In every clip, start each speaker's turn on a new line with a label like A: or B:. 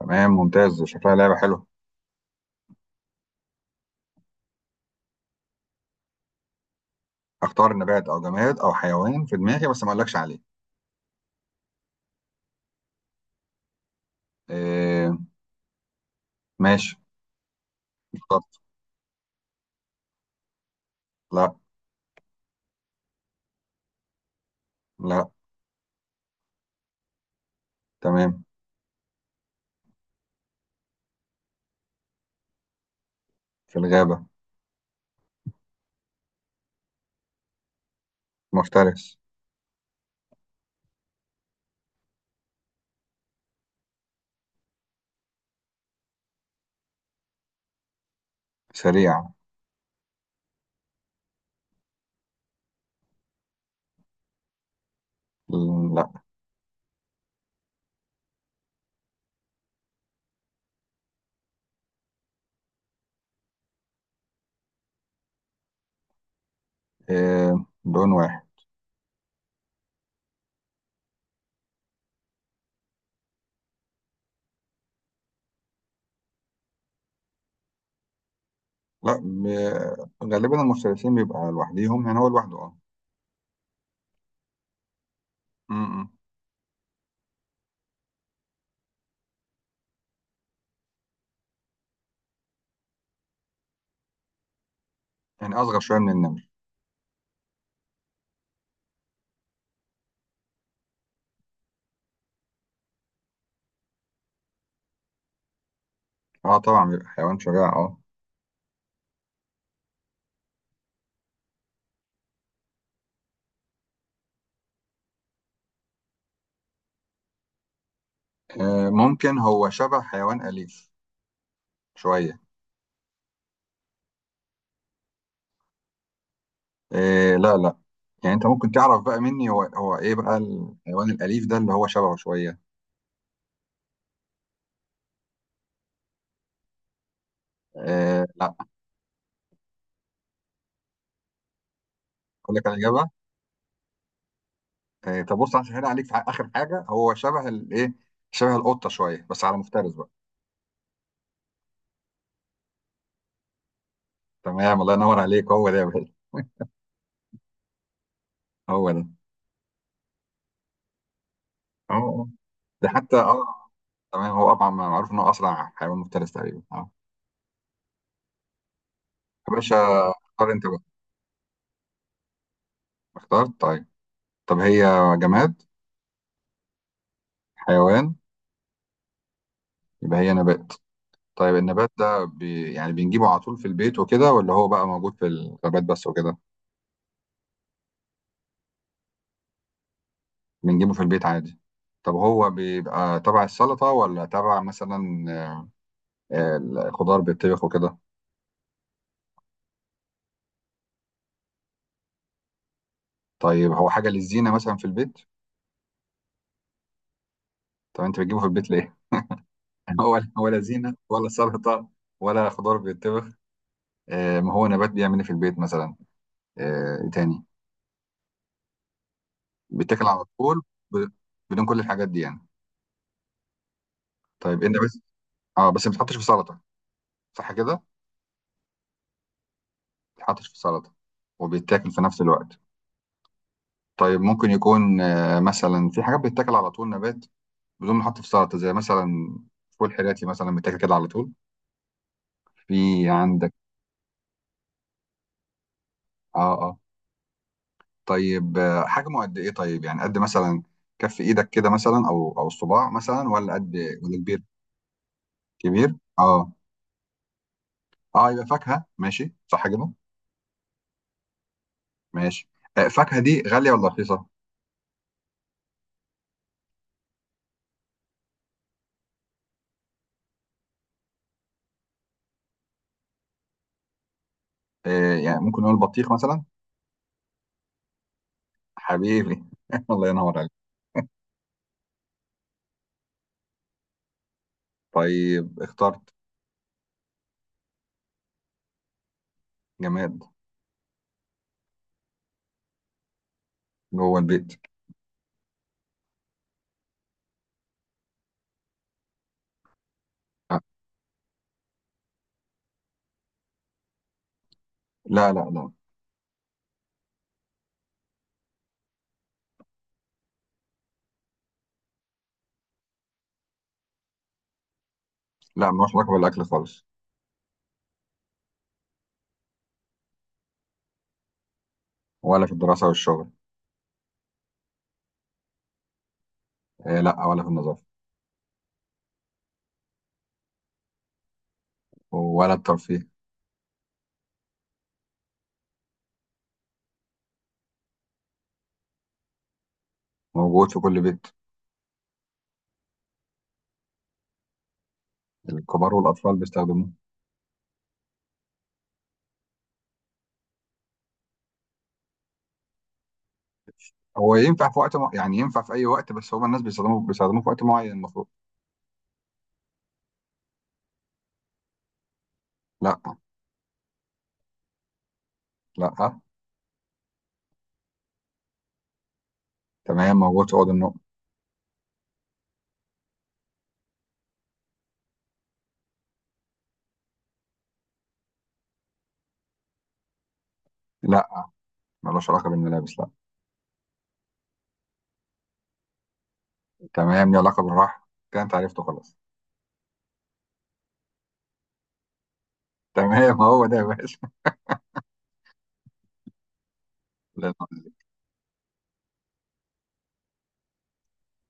A: تمام، ممتاز. شكلها لعبة حلوة. اختار نبات او جماد او حيوان في دماغي، بس ما اقولكش عليه. إيه، ماشي، اخترت. لا. لا. تمام. في الغابة. مفترس. سريع. لا. إيه، لون واحد. لا. غالبا المفترسين بيبقى لوحديهم، يعني هو لوحده، اه. م- م. يعني اصغر شوية من النمر. اه، طبعا بيبقى حيوان شجاع، اه. ممكن هو شبه حيوان أليف شوية. إيه، لا، لا. يعني انت ممكن تعرف بقى مني هو ايه بقى الحيوان الاليف ده اللي هو شبهه شويه. إيه، لا. اقول لك على الاجابه. إيه، طب بص، هسهل عليك في اخر حاجه، هو شبه الايه؟ شبه القطه شويه، بس على مفترس بقى. تمام، الله ينور عليك، هو ده يا باشا. هو ده. اه، آه. ده حتى، اه. تمام، هو طبعا معروف انه اسرع حيوان مفترس تقريبا، اه. يا باشا. اختار انت بقى. اخترت؟ طيب. طب هي. جماد؟ حيوان؟ يبقى هي نبات. طيب النبات ده يعني بنجيبه على طول في البيت وكده، ولا هو بقى موجود في الغابات بس وكده؟ بنجيبه في البيت عادي. طب هو بيبقى تبع السلطة، ولا تبع مثلا الخضار بيتطبخ وكده؟ طيب هو حاجة للزينة مثلا في البيت؟ طب انت بتجيبه في البيت ليه؟ ولا زينة ولا سلطة. ولا خضار بيتطبخ. ما هو نبات بيعمل إيه في البيت مثلا؟ إيه تاني؟ بيتاكل على طول؟ ب- بدون كل الحاجات دي يعني؟ طيب انت بس. اه، بس ما بتحطش في سلطة، صح كده؟ بيتحطش في سلطة وبيتاكل في نفس الوقت. طيب ممكن يكون مثلا في حاجات بتتاكل على طول نبات بدون ما يتحط في سلطة، زي مثلا فول حراتي مثلا بيتاكل كده على طول. في عندك؟ اه، اه. طيب، حجمه قد ايه؟ طيب يعني قد مثلا كف ايدك كده مثلا، او الصباع مثلا، ولا قد. ولا كبير؟ كبير. اه، اه، يبقى فاكهة، ماشي، صح كده؟ ماشي. فاكهة دي غالية ولا رخيصة؟ يعني ممكن نقول بطيخ مثلا. حبيبي. الله ينور عليك. طيب، اخترت. جماد. جوه البيت. لا، لا، لا، لا. لا، ملوش علاقة بالأكل خالص. ولا في الدراسة والشغل. إيه، لا، ولا في النظافة. ولا الترفيه. موجود في كل بيت. الكبار والأطفال بيستخدموه. هو ينفع في وقت يعني ينفع في أي وقت، بس هما الناس بيستخدموه في وقت معين المفروض. لا. لا. تمام، موجود في أوض النوم. لا، ملوش علاقة بالملابس، لا. تمام، ليه علاقة بالراحة، كده أنت عرفته خلاص. تمام، هو ده يا باشا. لا.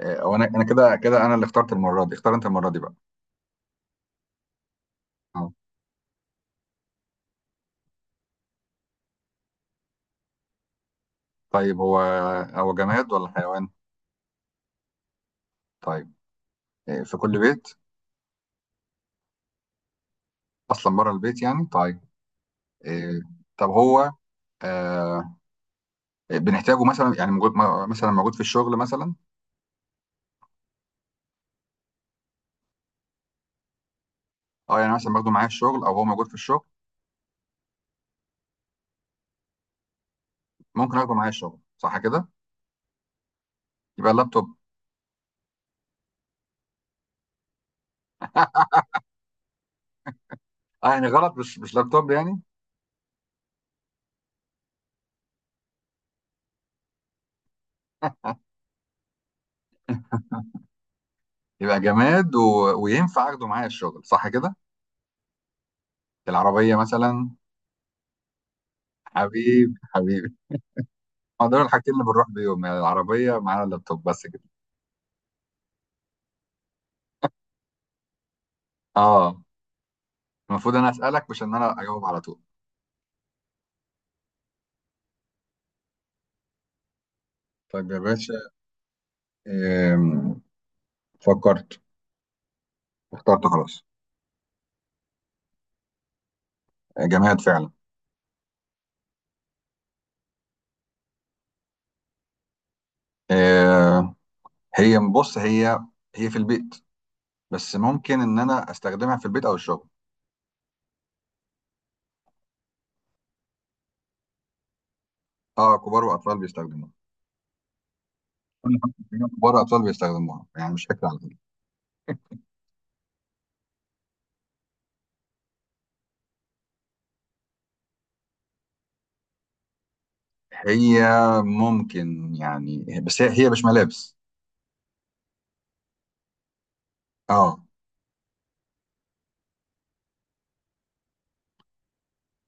A: إيه، وأنا كده كده أنا اللي اخترت المرة دي، اختار أنت المرة دي بقى. أه. طيب هو جماد ولا حيوان؟ طيب، في كل بيت؟ اصلا بره البيت يعني، طيب. آه، طب هو آه، بنحتاجه مثلا، يعني موجود مثلا موجود في الشغل مثلا؟ اه، يعني مثلا باخده معايا الشغل او هو موجود في الشغل. ممكن اخده معايا الشغل، صح كده؟ يبقى اللابتوب. اه، يعني غلط، مش لابتوب يعني؟ يبقى جماد وينفع اخده معايا الشغل، صح كده؟ العربيه مثلا. حبيبي حبيبي. ما دول الحاجتين اللي بنروح بيهم، يعني العربيه معانا اللابتوب بس كده. اه، المفروض انا اسالك، مش ان انا اجاوب على طول. طيب يا باشا. آم، فكرت. اخترت خلاص. جماد فعلا. آه، هي، بص، هي في البيت. بس ممكن ان انا استخدمها في البيت او الشغل. اه، كبار واطفال بيستخدموها. كبار واطفال بيستخدموها يعني، مش فكره على فكره. هي ممكن يعني بس، هي مش ملابس. اه.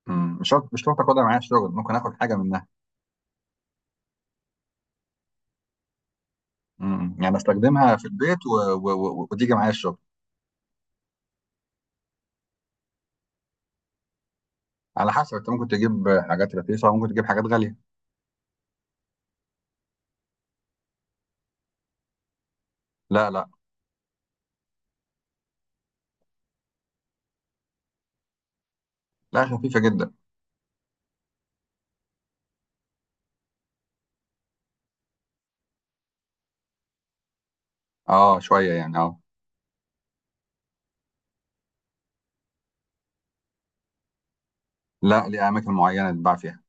A: مش شرط اخدها معايا الشغل، ممكن اخد حاجه منها. يعني استخدمها في البيت وتيجي معايا الشغل. على حسب، انت ممكن تجيب حاجات رخيصه وممكن تجيب حاجات غاليه. لا، لا. لا، خفيفه جدا. اه، شويه يعني، اه. لا، ليه اماكن معينه تتباع فيها.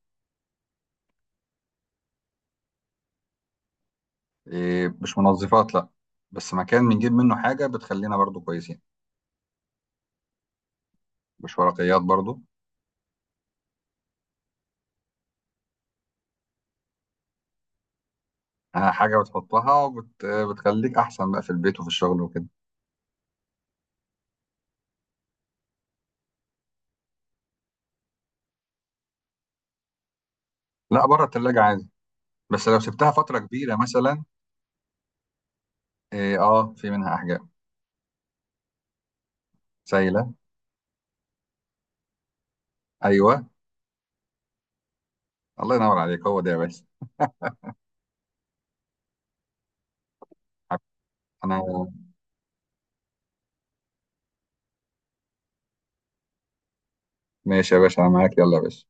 A: إيه، مش منظفات، لا. بس مكان بنجيب منه حاجه بتخلينا برضو كويسين. مش ورقيات برضو. حاجه بتحطها بتخليك احسن بقى في البيت وفي الشغل وكده. لا، بره التلاجة عادي. بس لو سبتها فتره كبيره مثلا. إيه، اه، في منها احجام. سايله. ايوه. الله ينور عليك، هو ده يا باشا. انا. ماشي يا باشا، انا معاك، يلا يا باشا.